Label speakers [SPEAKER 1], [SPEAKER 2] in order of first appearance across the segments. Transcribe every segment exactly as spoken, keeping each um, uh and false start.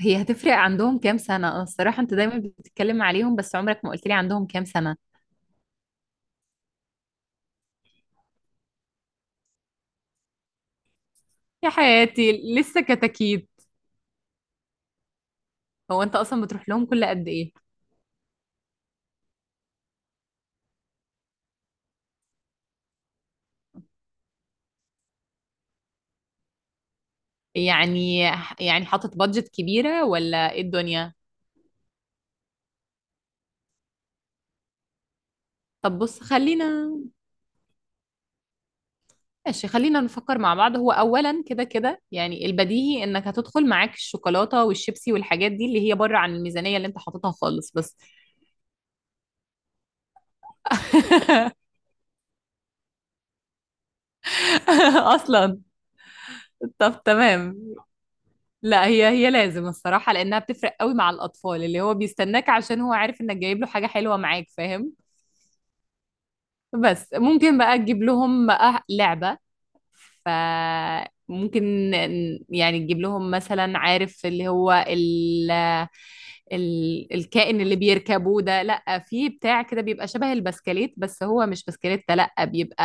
[SPEAKER 1] هي هتفرق عندهم كام سنة؟ أنا الصراحة أنت دايما بتتكلم عليهم، بس عمرك ما قلت لي عندهم كام سنة. يا حياتي لسه كتاكيد. هو أنت أصلا بتروح لهم كل قد إيه؟ يعني يعني حاطط بادجت كبيرة ولا إيه الدنيا؟ طب بص، خلينا، ماشي، خلينا نفكر مع بعض. هو أولا، كده كده، يعني البديهي إنك هتدخل معاك الشوكولاتة والشيبسي والحاجات دي اللي هي بره عن الميزانية اللي أنت حاططها خالص، بس أصلا. طب تمام. لا، هي هي لازم الصراحة لأنها بتفرق قوي مع الأطفال، اللي هو بيستناك عشان هو عارف إنك جايب له حاجة حلوة معاك، فاهم. بس ممكن بقى تجيب لهم بقى لعبة. فممكن يعني تجيب لهم مثلا، عارف اللي هو ال ال الكائن اللي بيركبوه ده، لا، في بتاع كده بيبقى شبه البسكليت بس هو مش بسكليت، لا بيبقى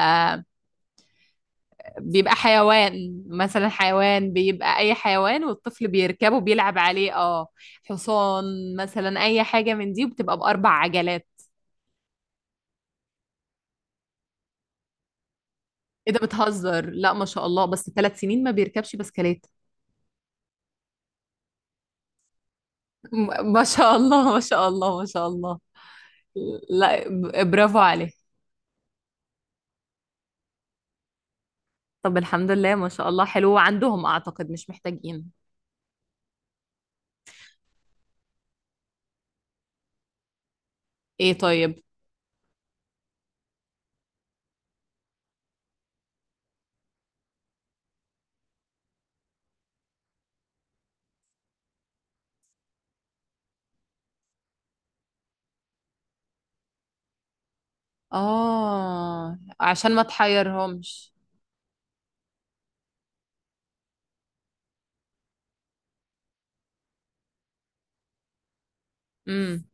[SPEAKER 1] بيبقى حيوان مثلا، حيوان بيبقى اي حيوان والطفل بيركبه وبيلعب عليه. اه، حصان مثلا، اي حاجة من دي وبتبقى باربع عجلات. ايه ده بتهزر؟ لا، ما شاء الله، بس ثلاث سنين ما بيركبش بسكليت؟ م- ما شاء الله، ما شاء الله، ما شاء الله. لا، ب- برافو عليه. طب الحمد لله، ما شاء الله، حلو عندهم، اعتقد مش محتاجين. ايه طيب. اه، عشان ما تحيرهمش. امم.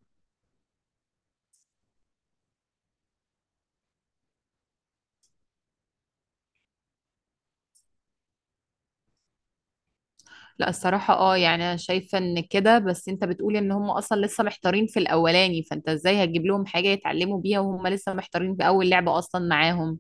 [SPEAKER 1] لا الصراحة، اه يعني انا شايفة ان كده، بس انت بتقول ان هم اصلا لسه محتارين في الاولاني، فانت ازاي هتجيب لهم حاجة يتعلموا بيها وهم لسه محتارين في اول لعبة اصلا معاهم؟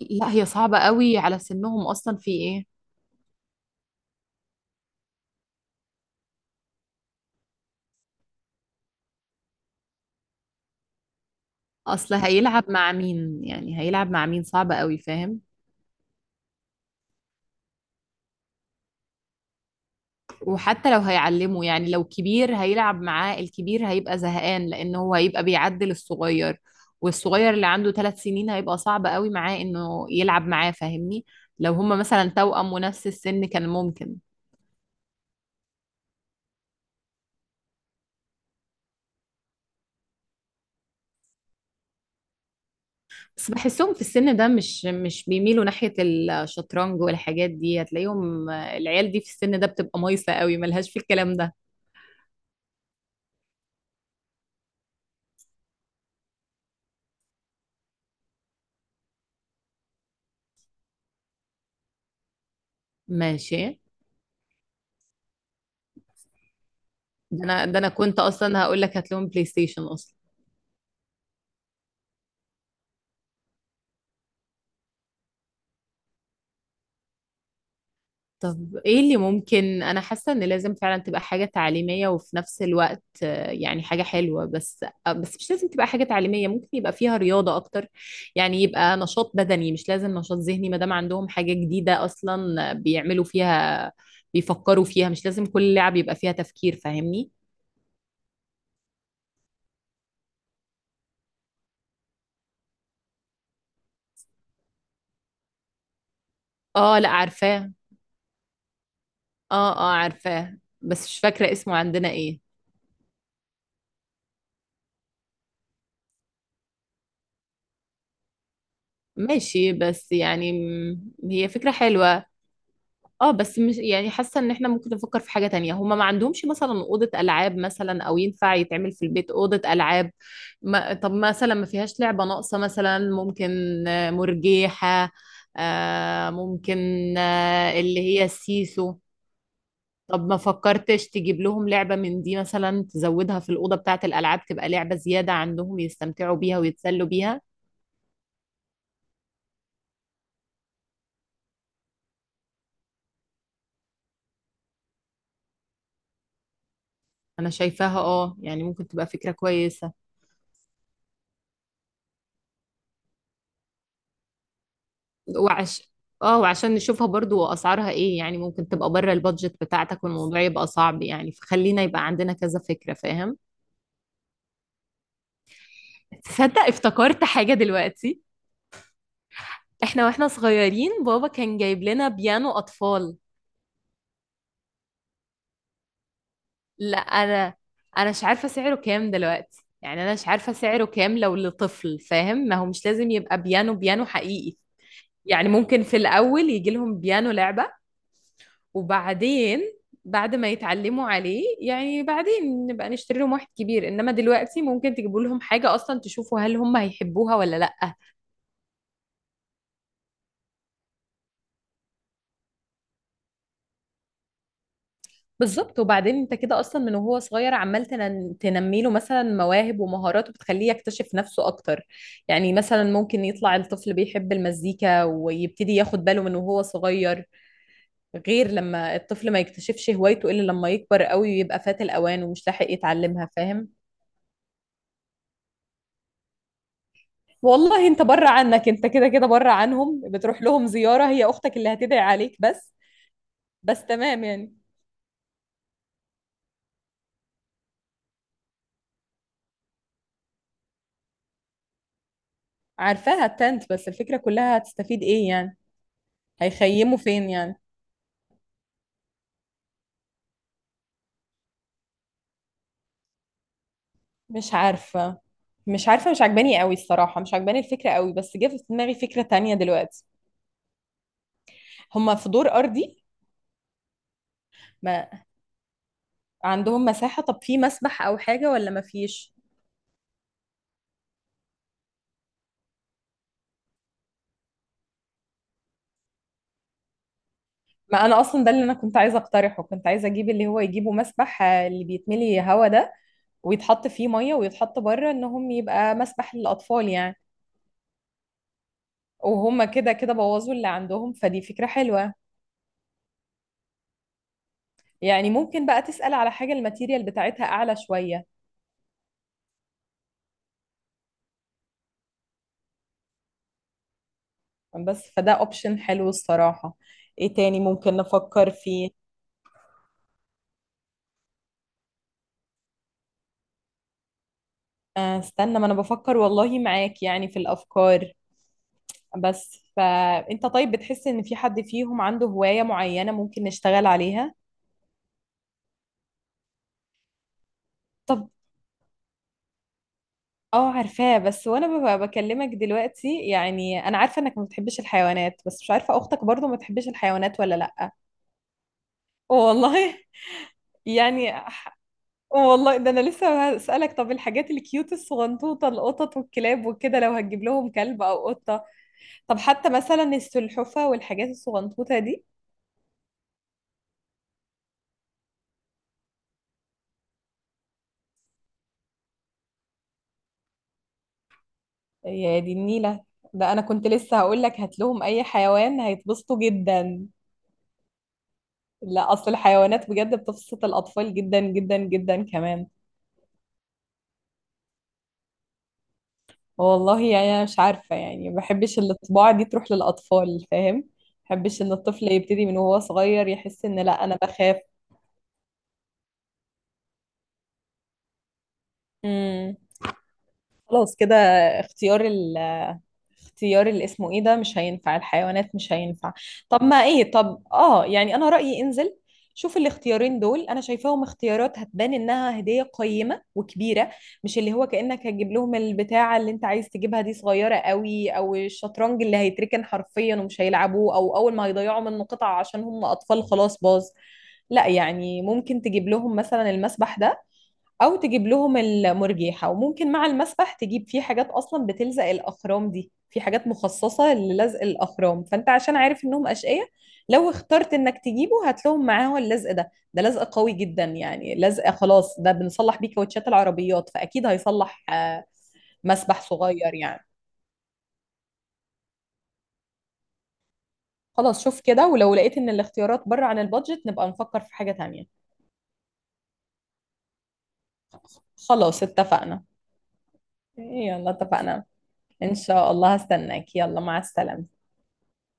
[SPEAKER 1] لا، هي صعبة قوي على سنهم، اصلا في ايه؟ اصل هيلعب مع مين يعني، هيلعب مع مين؟ صعبة قوي فاهم. وحتى لو هيعلمه يعني، لو كبير هيلعب معاه الكبير هيبقى زهقان لأنه هو هيبقى بيعدل الصغير، والصغير اللي عنده ثلاث سنين هيبقى صعب قوي معاه إنه يلعب معاه فاهمني. لو هما مثلا توأم ونفس السن كان ممكن. بس بحسهم في السن ده مش مش بيميلوا ناحية الشطرنج والحاجات دي، هتلاقيهم العيال دي في السن ده بتبقى مايسة قوي ملهاش في الكلام ده. ماشي. ده انا ده انا كنت اصلا هقول لك هات لهم بلاي ستيشن اصلا. طب ايه اللي ممكن؟ انا حاسه ان لازم فعلا تبقى حاجه تعليميه وفي نفس الوقت، آه، يعني حاجه حلوه، بس آه، بس مش لازم تبقى حاجه تعليميه، ممكن يبقى فيها رياضه اكتر. يعني يبقى نشاط بدني، مش لازم نشاط ذهني ما دام عندهم حاجه جديده اصلا بيعملوا فيها بيفكروا فيها، مش لازم كل لعب يبقى فيها تفكير فاهمني. اه، لا، عارفاه. اه اه، عارفاه بس مش فاكره اسمه عندنا ايه. ماشي، بس يعني م، هي فكره حلوه. اه بس، مش يعني حاسه ان احنا ممكن نفكر في حاجه تانية، هما ما عندهمش مثلا اوضه العاب، مثلا او ينفع يتعمل في البيت اوضه العاب. ما طب مثلا، ما فيهاش لعبه ناقصه مثلا؟ ممكن آه، مرجيحه. آه ممكن. آه اللي هي السيسو. طب ما فكرتش تجيب لهم لعبه من دي مثلا، تزودها في الاوضه بتاعه الالعاب تبقى لعبه زياده عندهم يستمتعوا بيها ويتسلوا بيها؟ انا شايفاها. اه يعني ممكن تبقى فكره كويسه. وعش اه وعشان نشوفها برضو اسعارها ايه يعني، ممكن تبقى بره البادجت بتاعتك والموضوع يبقى صعب يعني، فخلينا يبقى عندنا كذا فكرة فاهم. تصدق افتكرت حاجة دلوقتي. احنا واحنا صغيرين بابا كان جايب لنا بيانو أطفال. لا، انا انا مش عارفة سعره كام دلوقتي، يعني انا مش عارفة سعره كام لو لطفل فاهم، ما هو مش لازم يبقى بيانو بيانو حقيقي. يعني ممكن في الأول يجي لهم بيانو لعبة، وبعدين بعد ما يتعلموا عليه يعني بعدين نبقى نشتري لهم واحد كبير، انما دلوقتي ممكن تجيبوا لهم حاجة اصلا تشوفوا هل هم هيحبوها ولا لأ. بالظبط. وبعدين انت كده اصلا من وهو صغير عمال تنن- تنمي له مثلا مواهب ومهارات وبتخليه يكتشف نفسه اكتر. يعني مثلا ممكن يطلع الطفل بيحب المزيكا ويبتدي ياخد باله من وهو صغير، غير لما الطفل ما يكتشفش هوايته الا لما يكبر قوي ويبقى فات الاوان ومش لاحق يتعلمها، فاهم. والله انت بره عنك، انت كده كده بره عنهم بتروح لهم زيارة، هي اختك اللي هتدعي عليك بس. بس تمام يعني. عارفاها التنت، بس الفكرة كلها هتستفيد ايه يعني؟ هيخيموا فين يعني؟ مش عارفة، مش عارفة، مش عجباني قوي الصراحة، مش عجباني الفكرة قوي، بس جه في دماغي فكرة تانية دلوقتي. هما في دور ارضي، ما عندهم مساحة، طب في مسبح او حاجة ولا ما فيش؟ ما انا اصلا ده اللي انا كنت عايزة اقترحه، كنت عايزة اجيب اللي هو يجيبه مسبح، آه، اللي بيتملي هوا ده، ويتحط فيه ميه ويتحط بره انهم يبقى مسبح للاطفال يعني. وهم كده كده بوظوا اللي عندهم، فدي فكره حلوه. يعني ممكن بقى تسال على حاجه الماتيريال بتاعتها اعلى شويه. بس فده اوبشن حلو الصراحه. ايه تاني ممكن نفكر فيه؟ آه، استنى ما انا بفكر والله معاك يعني في الافكار. بس فانت طيب بتحس ان في حد فيهم عنده هوايه معينه ممكن نشتغل عليها؟ طب اه عارفاه، بس وانا ببقى بكلمك دلوقتي، يعني انا عارفه انك ما بتحبش الحيوانات، بس مش عارفه اختك برضو ما بتحبش الحيوانات ولا لا. والله يعني ح- والله ده انا لسه هسألك طب الحاجات الكيوت الصغنطوطه القطط والكلاب وكده لو هتجيب لهم كلب او قطه؟ طب حتى مثلا السلحفه والحاجات الصغنطوطه دي؟ يا دي النيله. ده انا كنت لسه هقول لك هات لهم اي حيوان هيتبسطوا جدا. لا، اصل الحيوانات بجد بتبسط الاطفال جدا جدا جدا كمان. والله يعني انا مش عارفه يعني، ما بحبش الطباع دي تروح للاطفال فاهم، ما بحبش ان الطفل يبتدي من وهو صغير يحس ان لا انا بخاف. امم. خلاص كده. اختيار اختيار اللي اسمه ايه ده مش هينفع، الحيوانات مش هينفع. طب ما ايه، طب اه يعني انا رأيي انزل شوف الاختيارين دول، انا شايفاهم اختيارات هتبان انها هدية قيمة وكبيرة، مش اللي هو كأنك هتجيب لهم البتاعة اللي انت عايز تجيبها دي صغيرة قوي، او الشطرنج اللي هيتركن حرفيا ومش هيلعبوه، او اول ما هيضيعوا منه قطعة عشان هم اطفال خلاص باظ. لا، يعني ممكن تجيب لهم مثلا المسبح ده او تجيب لهم المرجيحه، وممكن مع المسبح تجيب فيه حاجات اصلا بتلزق الاخرام دي، في حاجات مخصصه للزق الاخرام فانت عشان عارف انهم اشقياء، لو اخترت انك تجيبه هات لهم معاه اللزق ده، ده لزق قوي جدا يعني لزق خلاص، ده بنصلح بيه كاوتشات العربيات فاكيد هيصلح آه، مسبح صغير يعني. خلاص شوف كده، ولو لقيت ان الاختيارات بره عن البادجت نبقى نفكر في حاجه تانية. خلاص اتفقنا. يلا اتفقنا. ان شاء الله هستناك، يلا مع السلامه.